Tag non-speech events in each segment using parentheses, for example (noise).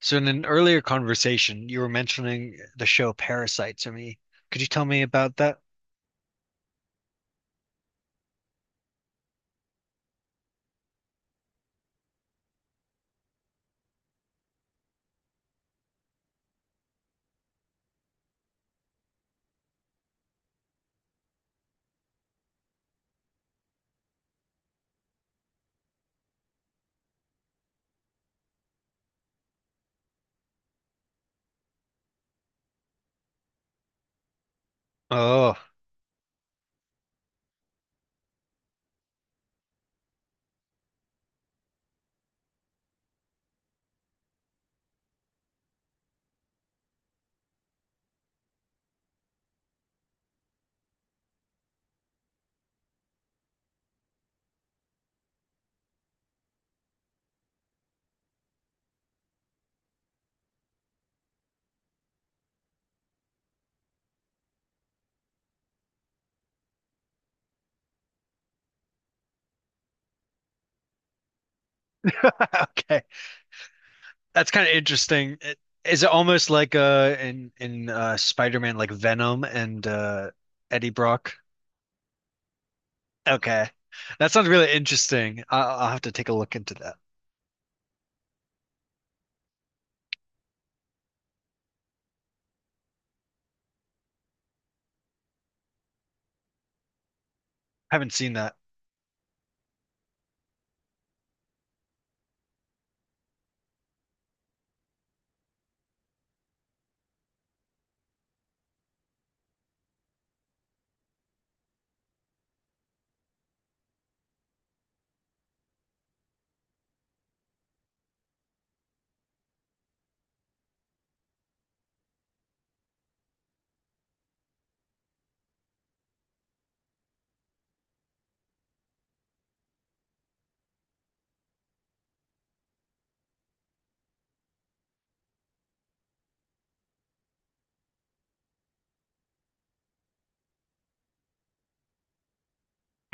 So in an earlier conversation, you were mentioning the show Parasite to me. Could you tell me about that? Oh, (laughs) okay. That's kind of interesting. It, is it almost like in Spider-Man, like Venom and Eddie Brock? Okay. That sounds really interesting. I'll have to take a look into that. Haven't seen that.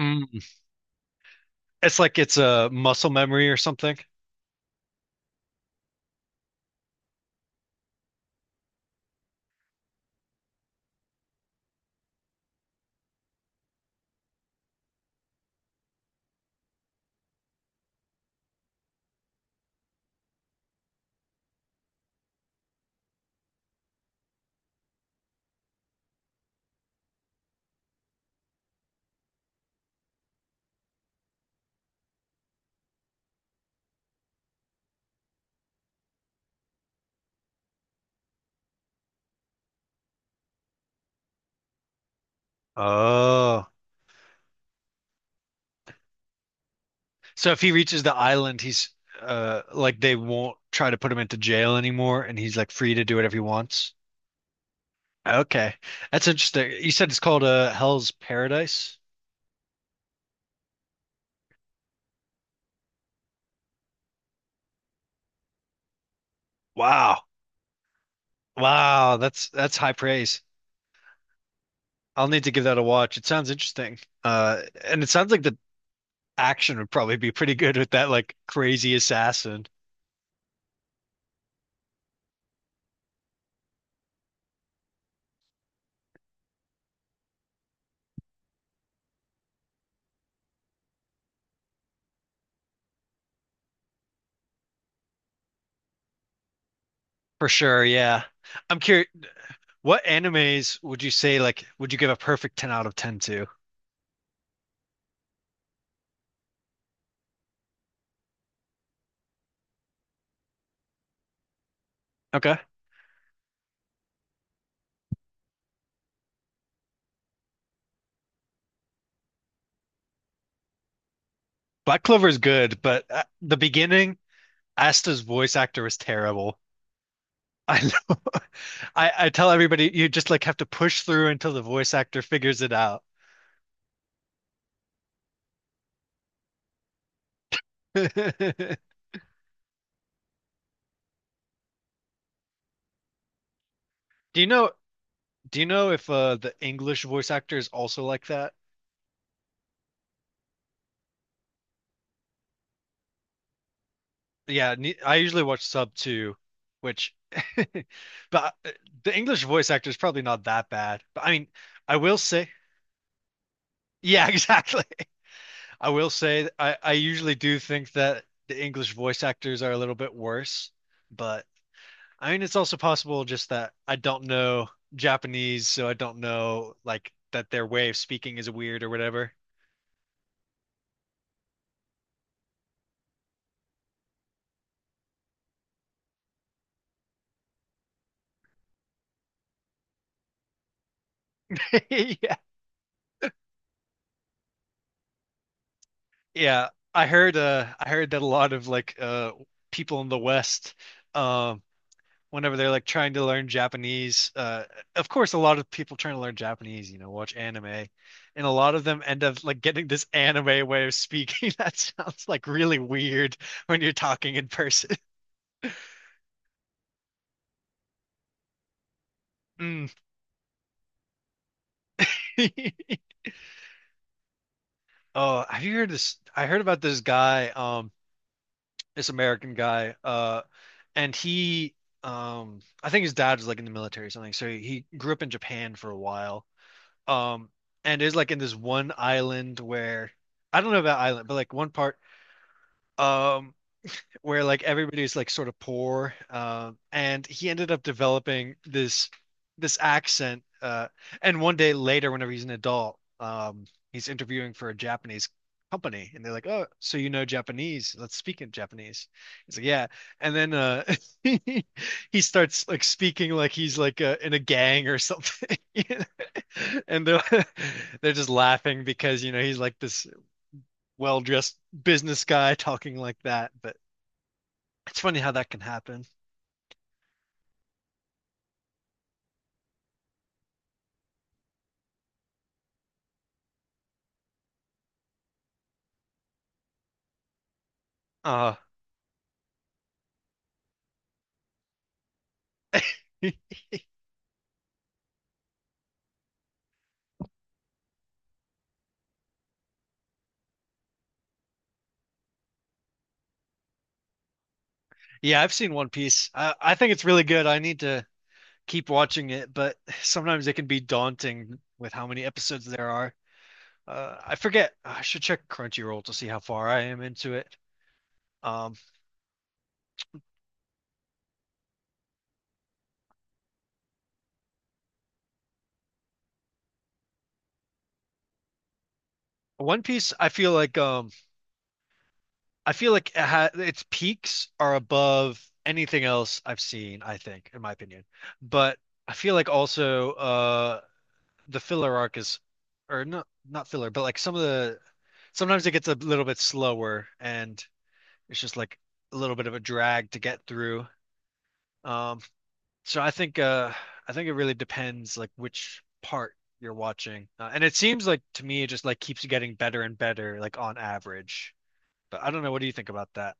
Mm. It's like it's a muscle memory or something. Oh. So if he reaches the island, he's like they won't try to put him into jail anymore, and he's like free to do whatever he wants. Okay, that's interesting. You said it's called Hell's Paradise. Wow, wow, that's high praise. I'll need to give that a watch. It sounds interesting. And it sounds like the action would probably be pretty good with that like crazy assassin for sure. Yeah, I'm curious. What animes would you say, like, would you give a perfect 10 out of 10 to? Okay. Black Clover is good, but the beginning Asta's voice actor was terrible. I know. (laughs) I tell everybody you just like have to push through until the voice actor figures it out. (laughs) Do you know do you know if the English voice actor is also like that? Yeah, ne I usually watch sub too, which. (laughs) But the English voice actor is probably not that bad. But I mean, I will say yeah, (laughs) exactly. I will say I usually do think that the English voice actors are a little bit worse, but I mean, it's also possible just that I don't know Japanese, so I don't know like that their way of speaking is weird or whatever. (laughs) Yeah. Yeah, I heard that a lot of like people in the West um whenever they're like trying to learn Japanese, of course a lot of people trying to learn Japanese, you know, watch anime, and a lot of them end up like getting this anime way of speaking (laughs) that sounds like really weird when you're talking in person. (laughs) Mm. (laughs) Oh, have you heard this? I heard about this guy, this American guy, and he, I think his dad was like in the military or something, so he grew up in Japan for a while, um, and is like in this one island where I don't know about island, but like one part, um, where like everybody's like sort of poor, and he ended up developing this accent. And one day later, whenever he's an adult, he's interviewing for a Japanese company, and they're like, "Oh, so you know Japanese? Let's speak in Japanese." He's like, "Yeah," and then (laughs) he he starts like speaking like he's like in a gang or something, (laughs) you know? And they're (laughs) they're just laughing because you know he's like this well-dressed business guy talking like that, but. It's funny how that can happen. Uh, (laughs) yeah, I've seen One Piece. I think it's really good. I need to keep watching it, but sometimes it can be daunting with how many episodes there are. I forget. I should check Crunchyroll to see how far I am into it. Um, One Piece, I feel like it ha its peaks are above anything else I've seen, I think, in my opinion. But I feel like also the filler arc is, or not filler, but like some of the sometimes it gets a little bit slower and it's just like a little bit of a drag to get through. Um, so I think it really depends like which part you're watching. And it seems like to me it just like keeps getting better and better like on average. But I don't know, what do you think about that?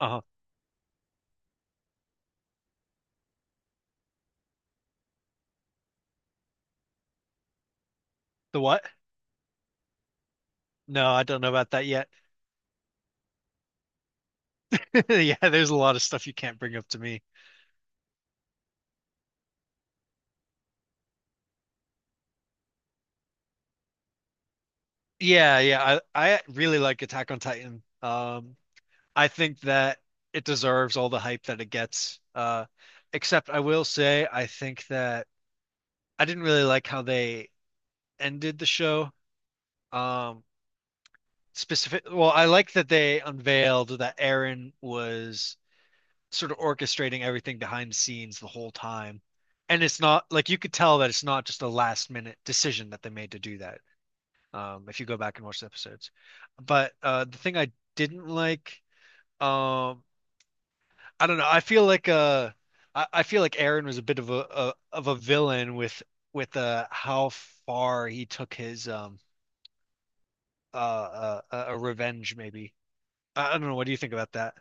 Uh-huh. The what? No, I don't know about that yet. (laughs) Yeah, there's a lot of stuff you can't bring up to me. Yeah, yeah. I really like Attack on Titan. I think that it deserves all the hype that it gets. Except I will say I think that I didn't really like how they ended the show. Um, specific. Well, I like that they unveiled that Aaron was sort of orchestrating everything behind the scenes the whole time, and it's not like you could tell that it's not just a last minute decision that they made to do that. If you go back and watch the episodes, but the thing I didn't like. Um, I don't know. I feel like I feel like Aaron was a bit of a villain with how far he took his revenge maybe. I don't know. What do you think about that?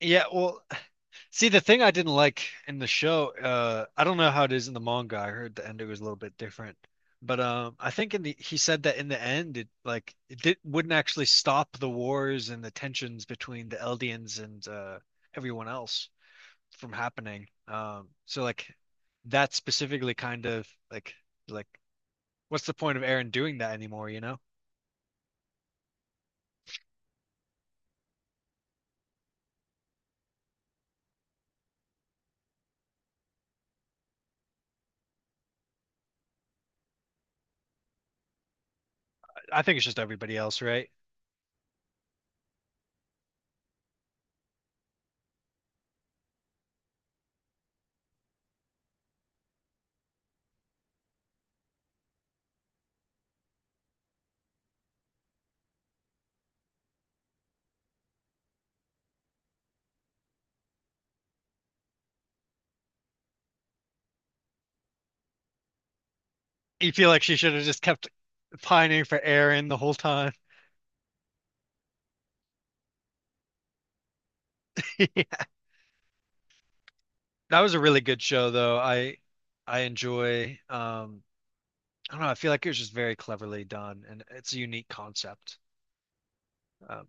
Yeah, well, see the thing I didn't like in the show, I don't know how it is in the manga. I heard the ending was a little bit different. But I think in the he said that in the end it like it did, wouldn't actually stop the wars and the tensions between the Eldians and everyone else. From happening. So like that specifically kind of like what's the point of Aaron doing that anymore, you know? I think it's just everybody else, right? You feel like she should have just kept pining for Aaron the whole time. (laughs) That was a really good show though. I enjoy I don't know, I feel like it was just very cleverly done and it's a unique concept. Um,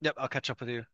yep, I'll catch up with you.